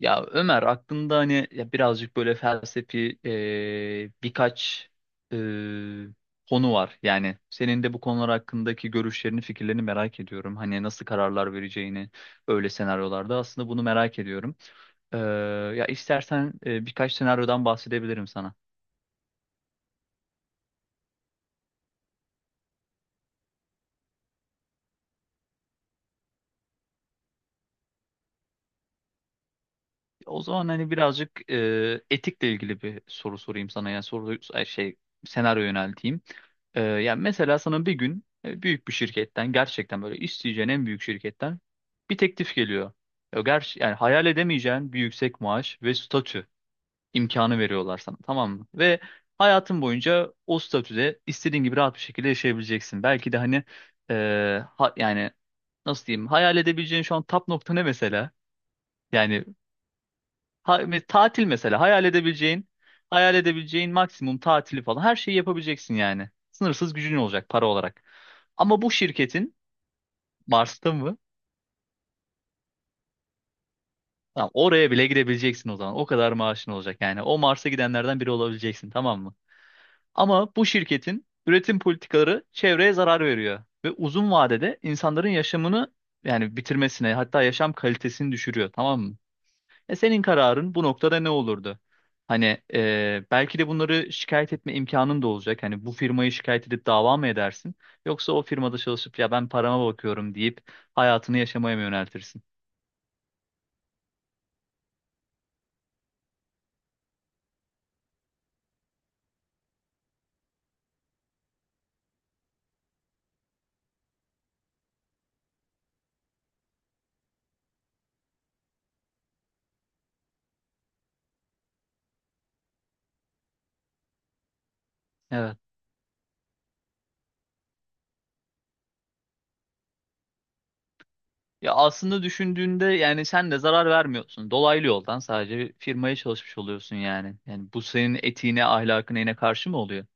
Ya Ömer aklında hani ya birazcık böyle felsefi birkaç e, konu var. Yani senin de bu konular hakkındaki görüşlerini, fikirlerini merak ediyorum. Hani nasıl kararlar vereceğini öyle senaryolarda aslında bunu merak ediyorum. Ee, ya istersen birkaç senaryodan bahsedebilirim sana. O zaman hani birazcık etikle ilgili bir soru sorayım sana. Yani soru ay şey senaryo yönelteyim. Yani mesela sana bir gün büyük bir şirketten gerçekten böyle isteyeceğin en büyük şirketten bir teklif geliyor. Ya ger yani hayal edemeyeceğin bir yüksek maaş ve statü imkanı veriyorlar sana, tamam mı? Ve hayatın boyunca o statüde istediğin gibi rahat bir şekilde yaşayabileceksin. Belki de hani e, yani nasıl diyeyim, hayal edebileceğin şu an nokta ne mesela? Yani ve tatil mesela hayal edebileceğin, hayal edebileceğin maksimum tatili falan her şeyi yapabileceksin yani. Sınırsız gücün olacak, para olarak. Ama bu şirketin Mars'ta mı? Tamam, oraya bile gidebileceksin o zaman. O kadar maaşın olacak yani. O Mars'a gidenlerden biri olabileceksin, tamam mı? Ama bu şirketin üretim politikaları çevreye zarar veriyor ve uzun vadede insanların yaşamını yani bitirmesine, hatta yaşam kalitesini düşürüyor, tamam mı? E senin kararın bu noktada ne olurdu? Hani belki de bunları şikayet etme imkanın da olacak. Hani bu firmayı şikayet edip dava mı edersin? Yoksa o firmada çalışıp ya ben parama bakıyorum deyip hayatını yaşamaya mı yöneltirsin? Evet. Ya aslında düşündüğünde yani sen de zarar vermiyorsun. Dolaylı yoldan sadece bir firmaya çalışmış oluyorsun yani. Yani bu senin etiğine, ahlakına yine karşı mı oluyor?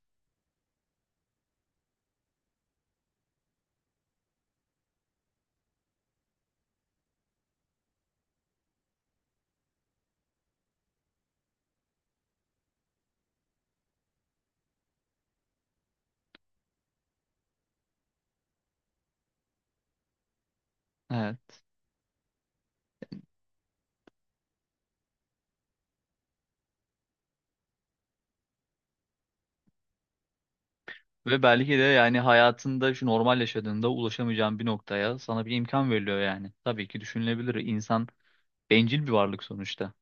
Evet. Ve belki de yani hayatında şu normal yaşadığında ulaşamayacağın bir noktaya sana bir imkan veriliyor yani. Tabii ki düşünülebilir. İnsan bencil bir varlık sonuçta.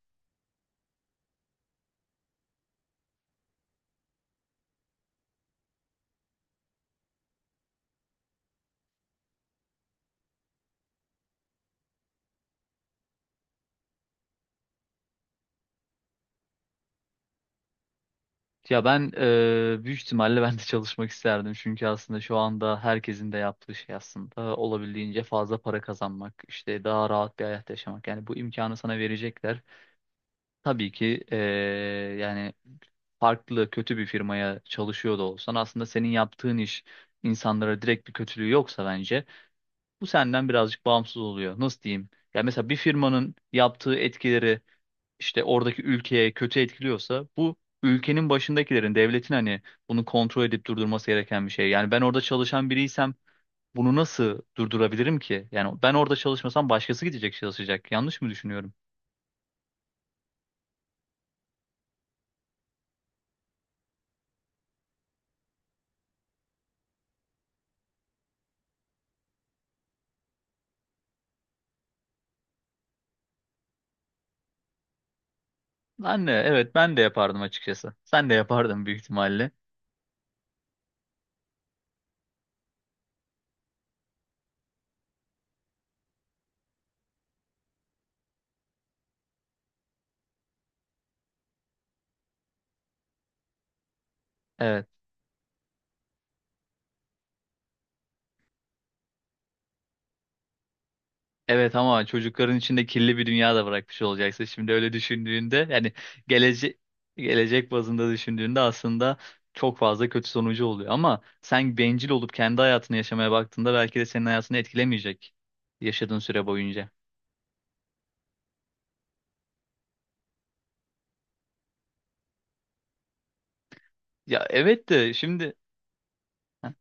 Ya ben büyük ihtimalle ben de çalışmak isterdim. Çünkü aslında şu anda herkesin de yaptığı şey aslında olabildiğince fazla para kazanmak, işte daha rahat bir hayat yaşamak. Yani bu imkanı sana verecekler. Tabii ki yani farklı kötü bir firmaya çalışıyor da olsan aslında senin yaptığın iş insanlara direkt bir kötülüğü yoksa bence bu senden birazcık bağımsız oluyor. Nasıl diyeyim? Ya mesela bir firmanın yaptığı etkileri işte oradaki ülkeye kötü etkiliyorsa bu ülkenin başındakilerin, devletin hani bunu kontrol edip durdurması gereken bir şey. Yani ben orada çalışan biriysem bunu nasıl durdurabilirim ki? Yani ben orada çalışmasam başkası gidecek, çalışacak. Yanlış mı düşünüyorum? Anne, evet ben de yapardım açıkçası. Sen de yapardın büyük ihtimalle. Evet. Evet ama çocukların içinde kirli bir dünya da bırakmış olacaksın. Şimdi öyle düşündüğünde yani gelecek gelecek bazında düşündüğünde aslında çok fazla kötü sonucu oluyor. Ama sen bencil olup kendi hayatını yaşamaya baktığında belki de senin hayatını etkilemeyecek yaşadığın süre boyunca. Ya evet de şimdi Heh,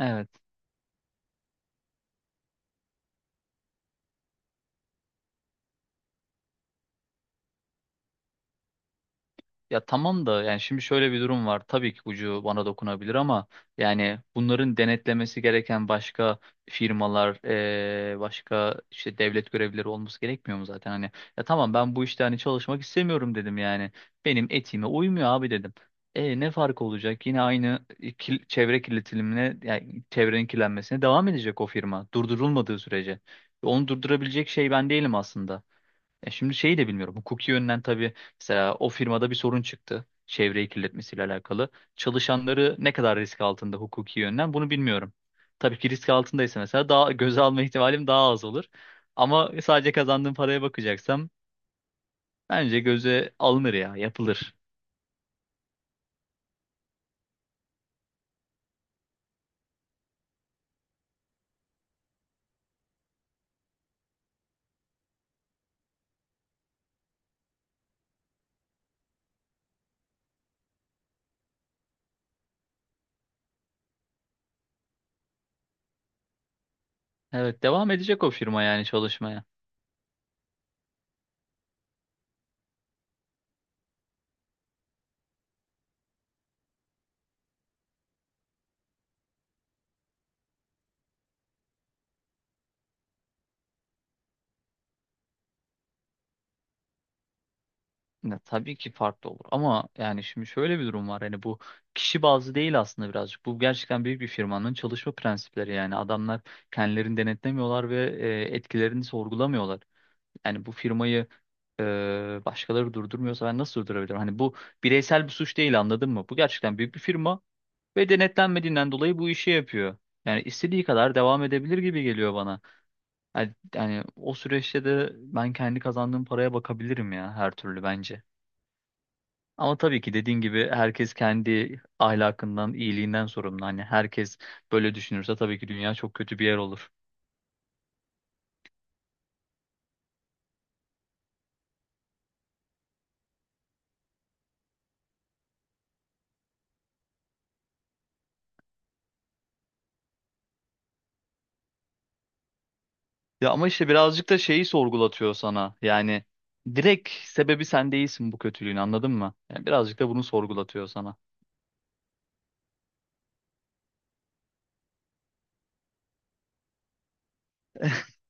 evet. Ya tamam da yani şimdi şöyle bir durum var. Tabii ki ucu bana dokunabilir ama yani bunların denetlemesi gereken başka firmalar, başka işte devlet görevlileri olması gerekmiyor mu zaten? Hani ya tamam ben bu işte hani çalışmak istemiyorum dedim yani. Benim etime uymuyor abi dedim. E ne fark olacak? Yine aynı çevre kirletilimine, yani çevrenin kirlenmesine devam edecek o firma durdurulmadığı sürece. Onu durdurabilecek şey ben değilim aslında. E şimdi şeyi de bilmiyorum. Hukuki yönden tabii, mesela o firmada bir sorun çıktı. Çevreyi kirletmesiyle alakalı. Çalışanları ne kadar risk altında hukuki yönden bunu bilmiyorum. Tabii ki risk altındaysa mesela daha göze alma ihtimalim daha az olur. Ama sadece kazandığım paraya bakacaksam bence göze alınır ya, yapılır. Evet, devam edecek o firma yani çalışmaya. Ya, tabii ki farklı olur ama yani şimdi şöyle bir durum var, hani bu kişi bazlı değil aslında, birazcık bu gerçekten büyük bir firmanın çalışma prensipleri. Yani adamlar kendilerini denetlemiyorlar ve etkilerini sorgulamıyorlar. Yani bu firmayı e, başkaları durdurmuyorsa ben nasıl durdurabilirim? Hani bu bireysel bir suç değil, anladın mı? Bu gerçekten büyük bir firma ve denetlenmediğinden dolayı bu işi yapıyor. Yani istediği kadar devam edebilir gibi geliyor bana. Yani, yani o süreçte de ben kendi kazandığım paraya bakabilirim ya her türlü bence. Ama tabii ki dediğin gibi herkes kendi ahlakından, iyiliğinden sorumlu. Hani herkes böyle düşünürse tabii ki dünya çok kötü bir yer olur. Ya ama işte birazcık da şeyi sorgulatıyor sana. Yani direkt sebebi sen değilsin bu kötülüğün, anladın mı? Yani birazcık da bunu sorgulatıyor sana.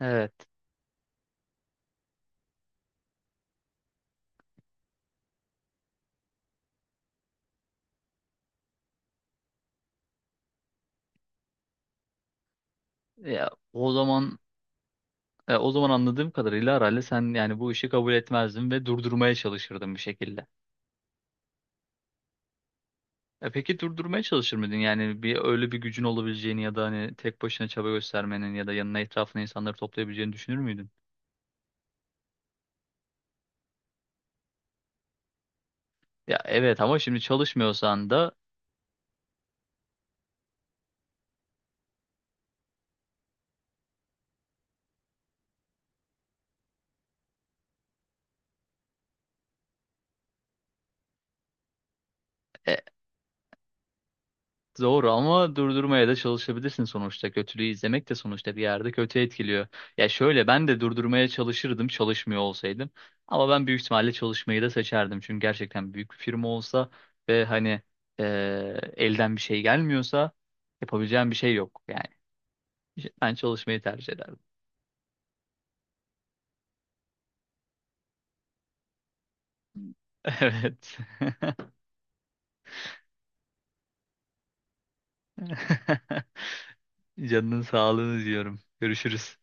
Evet. Ya o zaman o zaman anladığım kadarıyla herhalde sen yani bu işi kabul etmezdin ve durdurmaya çalışırdın bir şekilde. E peki durdurmaya çalışır mıydın? Yani bir öyle bir gücün olabileceğini ya da hani tek başına çaba göstermenin ya da yanına, etrafına insanları toplayabileceğini düşünür müydün? Ya evet ama şimdi çalışmıyorsan da e, doğru, ama durdurmaya da çalışabilirsin sonuçta. Kötülüğü izlemek de sonuçta bir yerde kötü etkiliyor. Ya şöyle, ben de durdurmaya çalışırdım çalışmıyor olsaydım. Ama ben büyük ihtimalle çalışmayı da seçerdim. Çünkü gerçekten büyük bir firma olsa ve hani e, elden bir şey gelmiyorsa yapabileceğim bir şey yok. Yani ben çalışmayı tercih ederdim. Evet. Canının sağlığını diyorum. Görüşürüz.